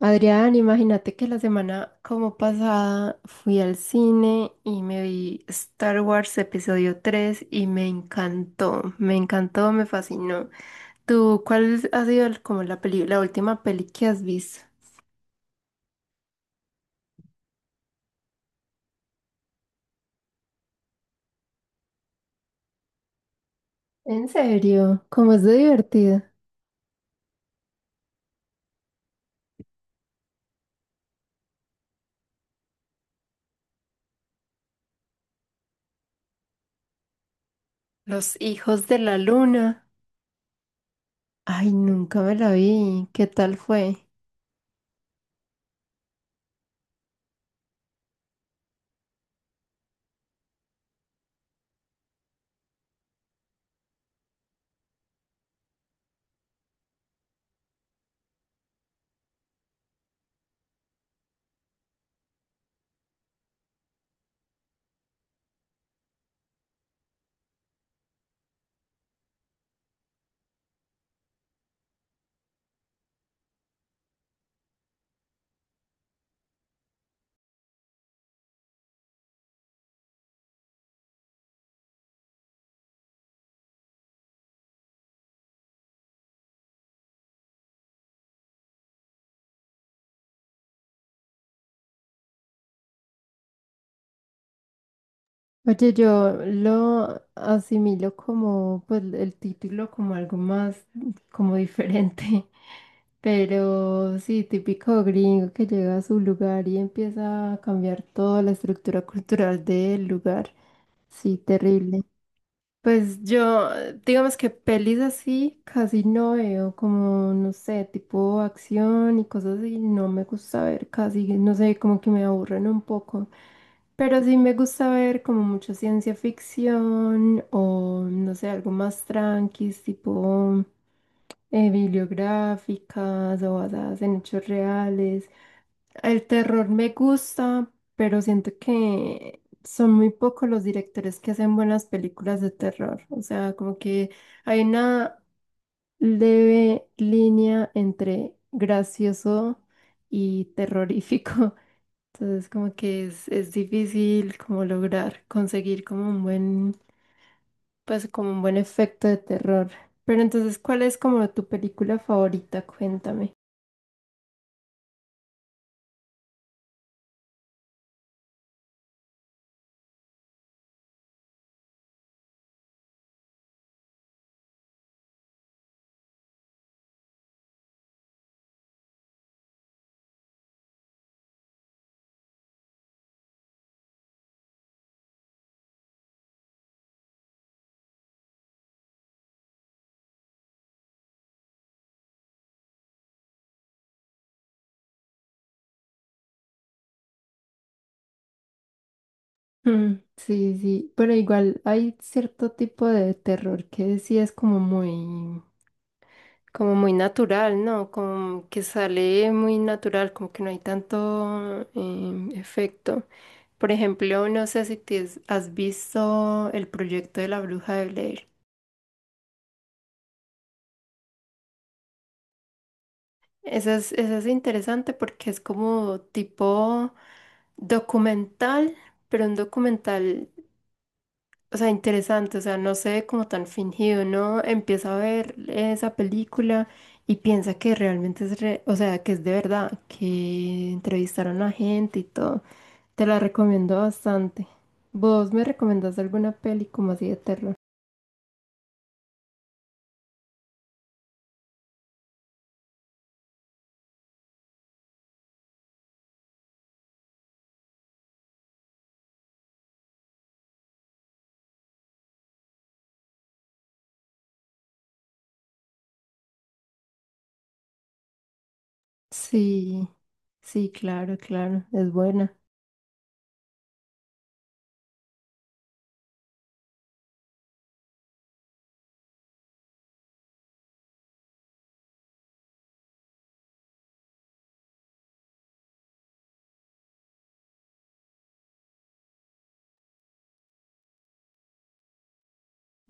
Adrián, imagínate que la semana como pasada fui al cine y me vi Star Wars episodio 3 y me encantó, me encantó, me fascinó. ¿Tú cuál ha sido como la última peli que has visto? ¿En serio? ¿Cómo es de divertida? Los hijos de la luna. Ay, nunca me la vi. ¿Qué tal fue? Oye, yo lo asimilo como, pues, el título como algo más, como diferente, pero sí, típico gringo que llega a su lugar y empieza a cambiar toda la estructura cultural del lugar. Sí, terrible. Pues yo, digamos que pelis así casi no veo, como no sé, tipo acción y cosas así, no me gusta ver casi, no sé, como que me aburren un poco. Pero sí me gusta ver como mucha ciencia ficción o no sé, algo más tranqui, tipo bibliográficas o basadas en hechos reales. El terror me gusta, pero siento que son muy pocos los directores que hacen buenas películas de terror. O sea, como que hay una leve línea entre gracioso y terrorífico. Entonces como que es difícil como lograr conseguir como un buen, pues como un buen efecto de terror. Pero entonces, ¿cuál es como tu película favorita? Cuéntame. Mm, sí, sí, pero igual hay cierto tipo de terror que sí es como muy natural, ¿no? Como que sale muy natural, como que no hay tanto efecto. Por ejemplo, no sé si te has visto el proyecto de la Bruja de Blair. Eso es interesante porque es como tipo documental, pero un documental, o sea, interesante, o sea, no se ve como tan fingido, ¿no? Empieza a ver esa película y piensa que realmente o sea, que es de verdad, que entrevistaron a gente y todo. Te la recomiendo bastante. ¿Vos me recomendás alguna peli como así de terror? Sí, sí, claro, claro, es buena.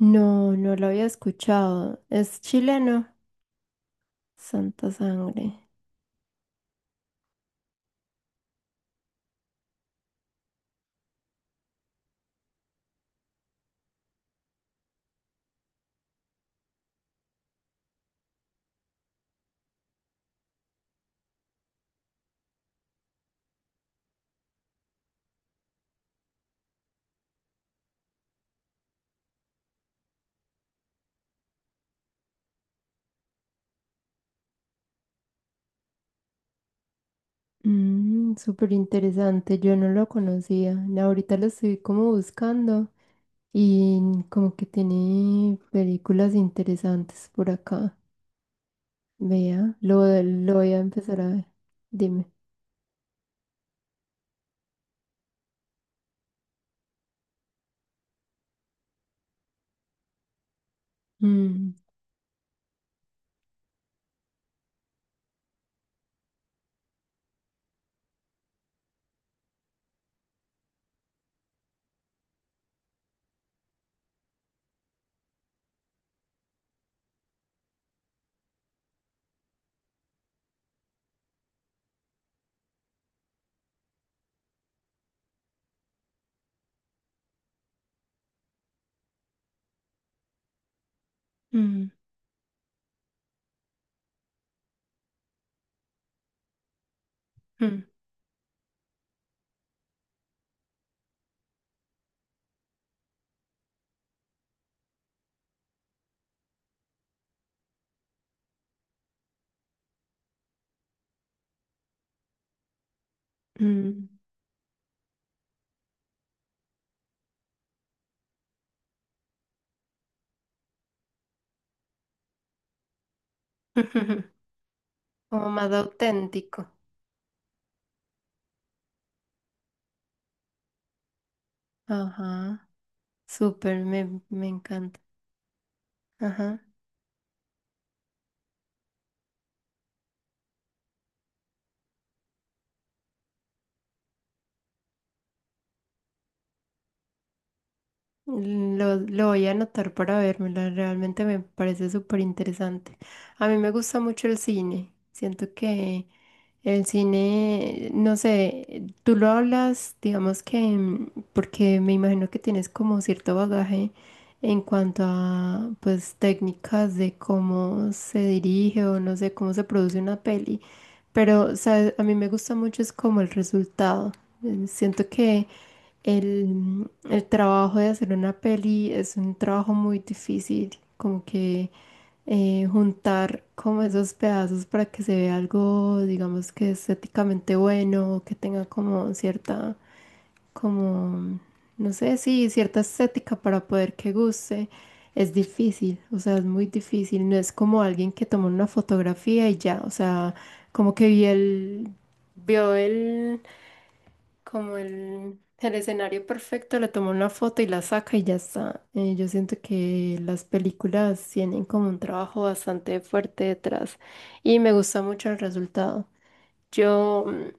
No, no lo había escuchado. Es chileno. Santa Sangre. Mm, súper interesante. Yo no lo conocía. No, ahorita lo estoy como buscando y como que tiene películas interesantes por acá. Vea, lo voy a empezar a ver. Dime. Mm, mm, mm, mm. Como más auténtico. Ajá. Súper, me encanta. Ajá. Lo voy a anotar para vérmela, realmente me parece súper interesante. A mí me gusta mucho el cine, siento que el cine, no sé, tú lo hablas, digamos que, mm, porque me imagino que tienes como cierto bagaje en cuanto a, pues, técnicas de cómo se dirige o no sé, cómo se produce una peli, pero, ¿sabes? A mí me gusta mucho es como el resultado. Siento que el trabajo de hacer una peli es un trabajo muy difícil, como que juntar como esos pedazos para que se vea algo, digamos que estéticamente bueno, que tenga como cierta, como, no sé, sí, cierta estética para poder que guste, es difícil, o sea, es muy difícil, no es como alguien que toma una fotografía y ya, o sea, como que vio el como el escenario perfecto, le toma una foto y la saca y ya está. Yo siento que las películas tienen como un trabajo bastante fuerte detrás y me gusta mucho el resultado. Yo, mm,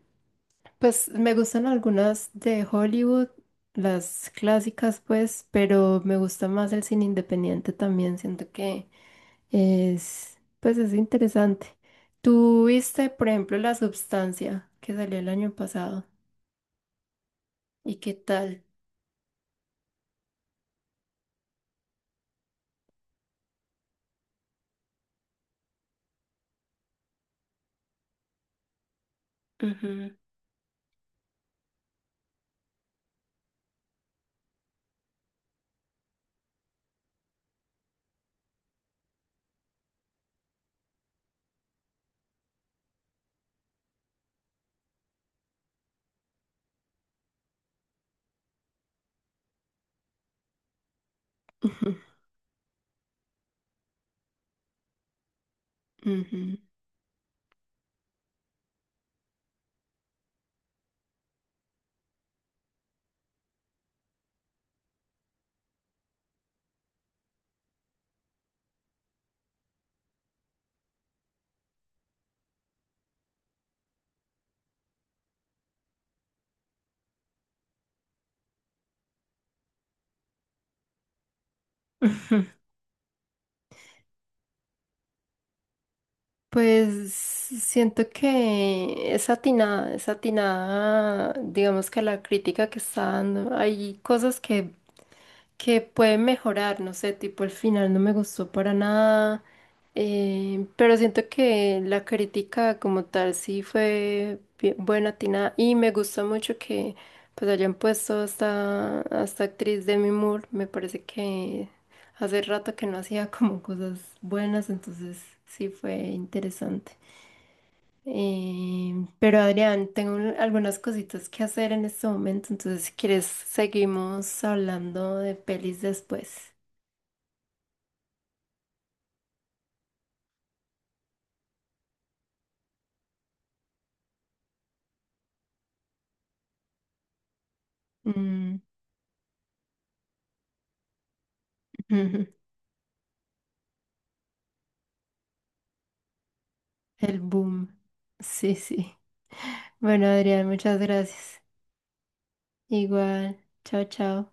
pues me gustan algunas de Hollywood, las clásicas pues, pero me gusta más el cine independiente también, siento que es, pues es interesante. ¿Tú viste, por ejemplo, La Substancia que salió el año pasado? ¿Y qué tal? Ujú. Ujú, ujú. Ujú. Pues siento que es atinada, digamos que la crítica que está dando. Hay cosas que puede mejorar, no sé, tipo el final no me gustó para nada, pero siento que la crítica como tal sí fue buena, atinada, y me gustó mucho que pues hayan puesto a a esta actriz Demi Moore, me parece que hace rato que no hacía como cosas buenas, entonces sí fue interesante. Eh, pero Adrián, tengo algunas cositas que hacer en este momento, entonces si quieres seguimos hablando de pelis después. Mm, ujú, el boom. Sí, sí. Bueno, Adrián, muchas gracias. Igual. Chao, chao.